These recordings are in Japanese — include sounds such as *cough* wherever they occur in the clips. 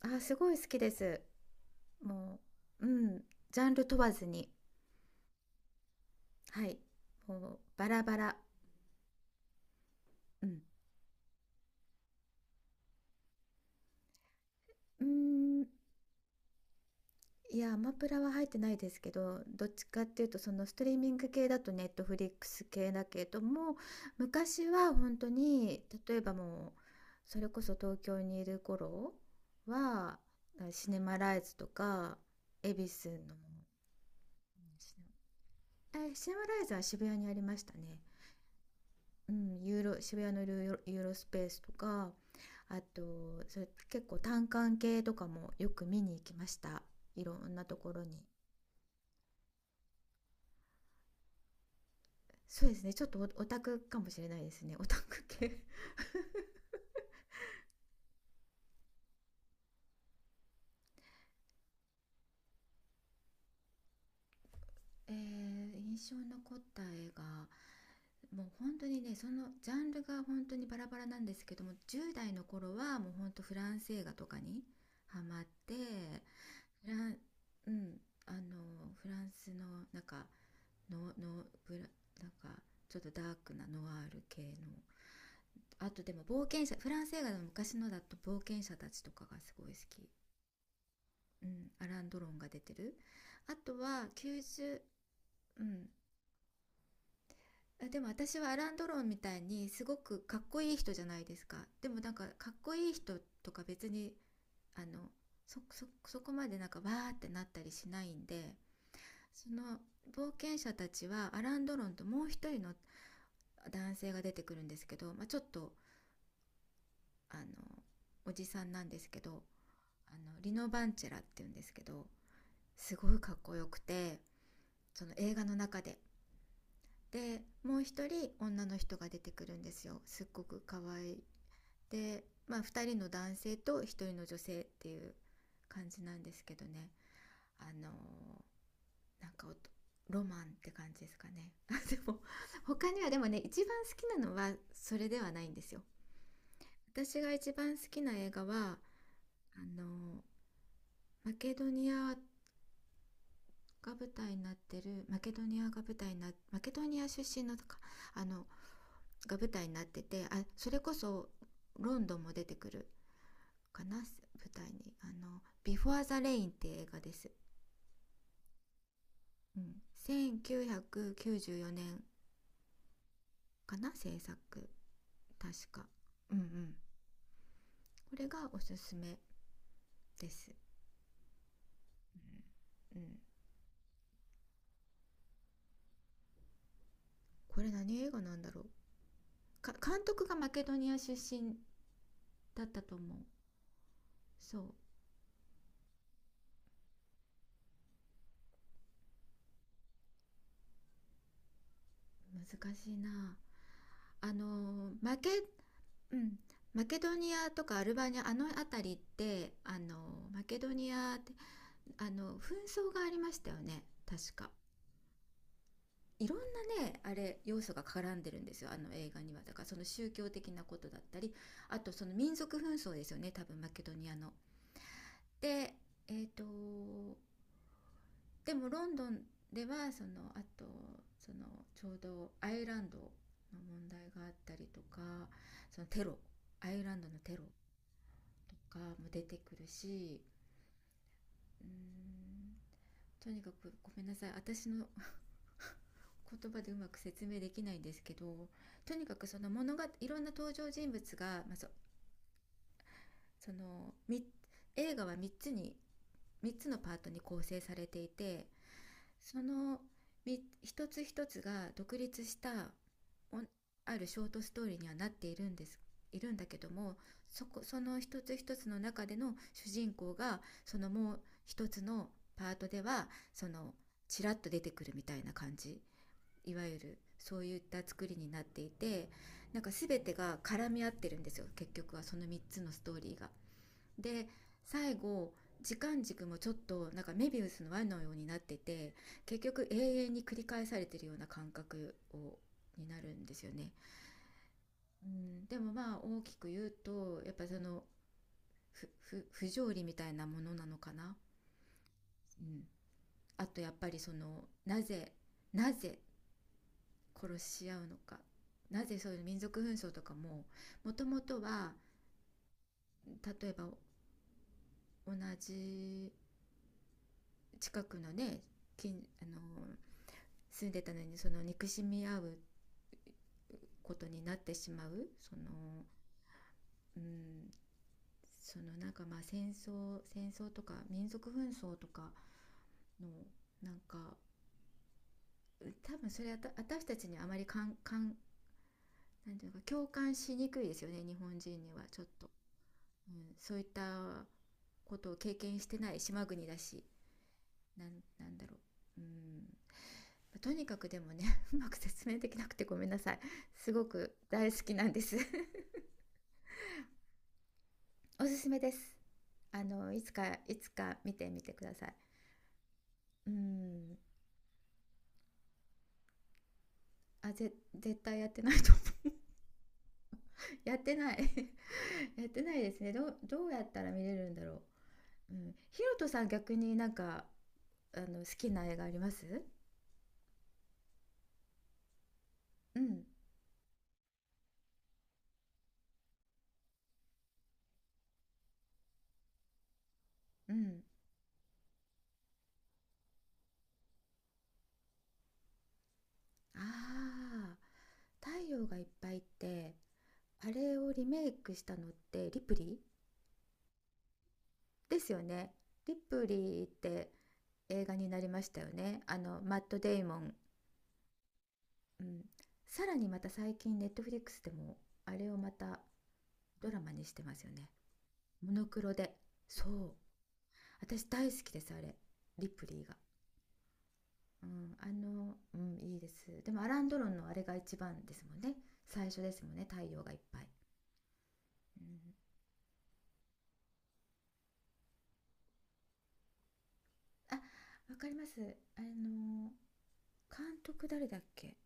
あ、すごい好きです。もう、うん、ジャンル問わずに、はい、もうバラバラ。うん。うーん、いや、アマプラは入ってないですけど、どっちかっていうと、そのストリーミング系だとネットフリックス系だけども、昔は本当に、例えばもう、それこそ東京にいる頃は、シネマライズとか、恵比寿の、うん、シネシネマライズは渋谷にありましたね。うん、ユーロ渋谷のユーロスペースとか、あと、それ結構単館系とかもよく見に行きました。いろんなところに。そうですね、ちょっとオタクかもしれないですね。 *laughs* オタク系。 *laughs* 印象に残った映画。もう本当にね、そのジャンルが本当にバラバラなんですけども、10代の頃はもう本当フランス映画とかにハマって、フラン、うん、あの、フランスの、なんか、の、の、ブラ、なんか、ちょっとダークなノワール系の、あとでも、冒険者、フランス映画の昔のだと冒険者たちとかがすごい好き。うん、アラン・ドロンが出てる。あとは、90、うん、あ、でも私はアラン・ドロンみたいにすごくかっこいい人じゃないですか。でも、なんかかっこいい人とか別に、あの、そこまでなんかわーってなったりしないんで、その冒険者たちはアラン・ドロンともう一人の男性が出てくるんですけど、まあ、ちょっとあのおじさんなんですけど、あのリノ・バンチェラっていうんですけど、すごいかっこよくて、その映画の中で。で、もう一人女の人が出てくるんですよ、すっごく可愛い。で、まあ、2人の男性と1人の女性っていう感じなんですけどね。あの、なんかロマンって感じですかね。 *laughs* あ、でも他にはでもね、一番好きなのはそれではないんですよ。私が一番好きな映画は、あの、マケドニアが舞台になってる、マケドニア出身のとか、あのが舞台になってて、あ、それこそロンドンも出てくるかな、舞台にあの「ビフォアザ・レイン」って映画です。うん、1994年かな、制作、確か。うんうん。これがおすすめです。うんうん。これ何映画なんだろうか、監督がマケドニア出身だったと思う。そう。難しいな。あのーマケうん。マケドニアとかアルバニアあの辺りって、あの、マケドニアって、あの紛争がありましたよね、確か。いろんなね、あれ、要素が絡んでるんですよ、あの映画には。だから、その宗教的なことだったり、あと、その民族紛争ですよね、多分マケドニアの。で、えっ、とでも、ロンドンではそのあと、その、ちょうどアイルランドの問題があったりとか、そのテロ、アイルランドのテロとかも出てくるし、うーんとにかくごめんなさい、私の言葉でうまく説明できないんですけど、とにかく、その物がいろんな登場人物が、まあ、その映画は3つに、3つのパートに構成されていて、その一つ一つが独立したあるショートストーリーにはなっているんです、いるんだけども、その一つ一つの中での主人公が、そのもう一つのパートでは、そのちらっと出てくるみたいな感じ、いわゆるそういった作りになっていて、なんか全てが絡み合ってるんですよ、結局はその3つのストーリーが。で、最後、時間軸もちょっとなんかメビウスの輪のようになってて、結局永遠に繰り返されてるような感覚になるんですよね。うん、でもまあ大きく言うとやっぱその、不条理みたいなものなのかな。うん、あとやっぱりその、なぜ殺し合うのか、なぜそういう民族紛争とかも、もともとは例えば同じ近くのね、近あの住んでたのにその憎しみ合うことになってしまう、その、うん、その、なんかまあ戦争とか民族紛争とかの、なんか多分それは私たちにあまりかんかんなんていうか共感しにくいですよね、日本人にはちょっと、うん、そういったことを経験してない島国だし、なんなんだろう。とにかくでもね、 *laughs* うまく説明できなくてごめんなさい。すごく大好きなんです。 *laughs* おすすめです。あの、いつかいつか見てみてください。うーん。絶対やってないと思う。 *laughs* やってない。 *laughs* やってないですね。どうやったら見れるんだろう。うん、ひろとさん、逆になんか、あの、好きな映画あります？うんうん。ああ、太陽がいっぱいって、あれをリメイクしたのってリプリーですよね。リプリーって映画になりましたよね。あの、マット・デイモン。うん。さらにまた最近ネットフリックスでも、あれをまたドラマにしてますよね。モノクロで。そう。私大好きです、あれ。リプリーが。うん、あの、うん、いいです。でもアランドロンのあれが一番ですもんね。最初ですもんね、太陽がいっぱい。うん、あ、わかります。あの、監督誰だっけ、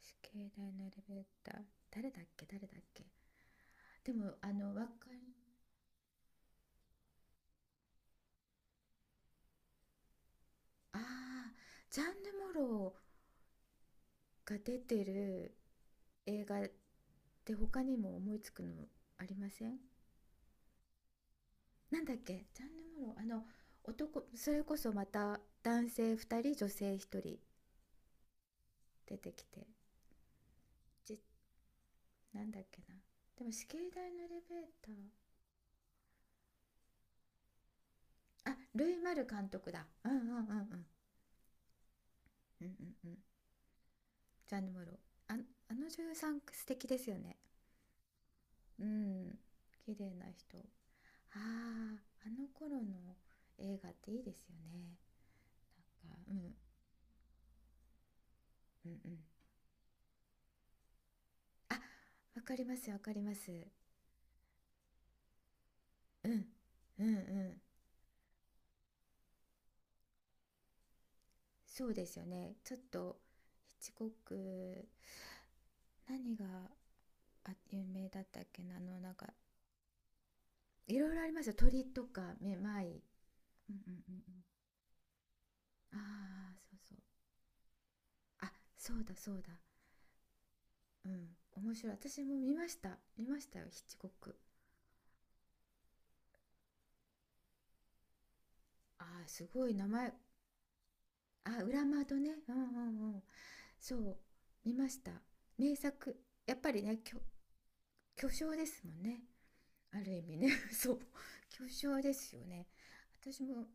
死刑台のエレベーター、誰だっけ。でも、あの、若い、ああ、ジャンヌ・モローが出てる映画で他にも思いつくのありません？なんだっけ、ジャンヌ・モロー、あの男、それこそまた男性2人女性1人出てきて、じなんだっけな。でも死刑台のエレベーター、あ、ルイ・マル監督だ。うん、うん、うん、うん、うん、うん、うん。ジャンヌ・モロー。ああ、の女優さん素敵ですよね。うん、綺麗な人。ああ、あの頃の映画っていいですよね、なんか、うん、うんうん。あ、わかります、わかります。うんうん。うん、そうですよね、ちょっとヒッチコック、何が、あ、有名だったっけな、あの、なんか、いろいろありますよ、鳥とかめまい。うんうんうんうん。ああ、そうそう。あ、そうだそうだ。うん、面白い、私も見ました、見ましたよヒッチコック。ああ、すごい名前。あ、裏窓ね。うんうんうん。そう、見ました。名作。やっぱりね、巨匠ですもんね。ある意味ね。*laughs* そう。巨匠ですよね。私も、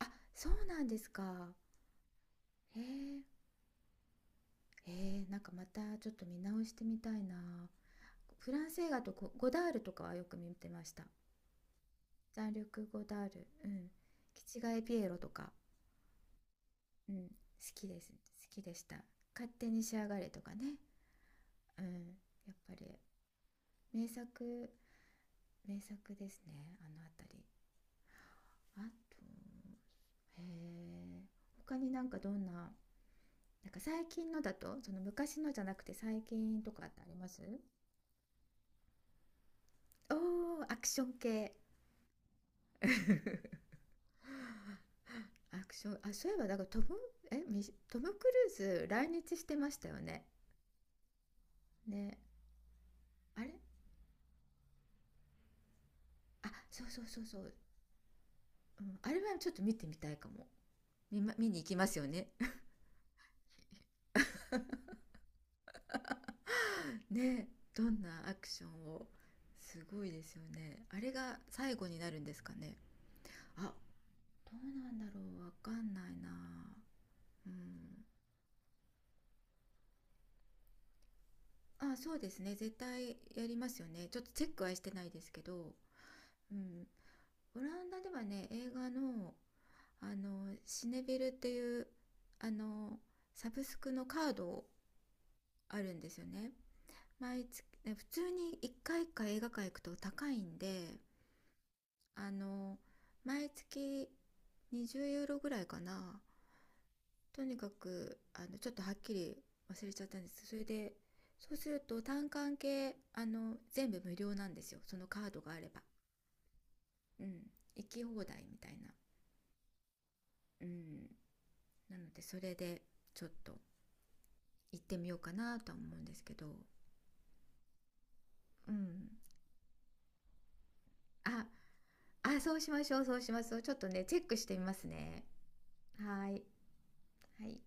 あ、そうなんですか。へえ。へえ、なんかまたちょっと見直してみたいな。フランス映画と、ゴダールとかはよく見てました。残力ゴダール。うん。キチガエピエロとか。うん。好きです。好きでした。勝手に仕上がれとかね。うん。やっぱり名作、名作ですね、あのあたり。あと、へえ、他になんか、どんななんか最近のだと、その昔のじゃなくて最近とかってあります？おー、アクション系。 *laughs* アクション、あ、そういえばだから、トムえミシトム・クルーズ来日してましたよね。ね。あれ、あ、そうそうそうそう、うん、あれはちょっと見てみたいかも。見に行きますよね。 *laughs* ね、どんなアクションを、すごいですよね。あれが最後になるんですかね。あ、どうなんだろう、わかんないな。うん。あ、そうですね、絶対やりますよね。ちょっとチェックはしてないですけど、うん。オランダではね、映画の、あの、シネベルっていう、あの、サブスクのカードあるんですよね。毎月、ね、普通に一回か、映画館行くと高いんで、あの毎月20ユーロぐらいかな、とにかくあのちょっとはっきり忘れちゃったんです。それで、そうすると単管系、あの全部無料なんですよ、そのカードがあれば。うん、行き放題みたいな。うん。なのでそれでちょっと行ってみようかなとは思うんですけど、うん。ああ、そうしましょうそうします、ちょっとねチェックしてみますね。はい、はい。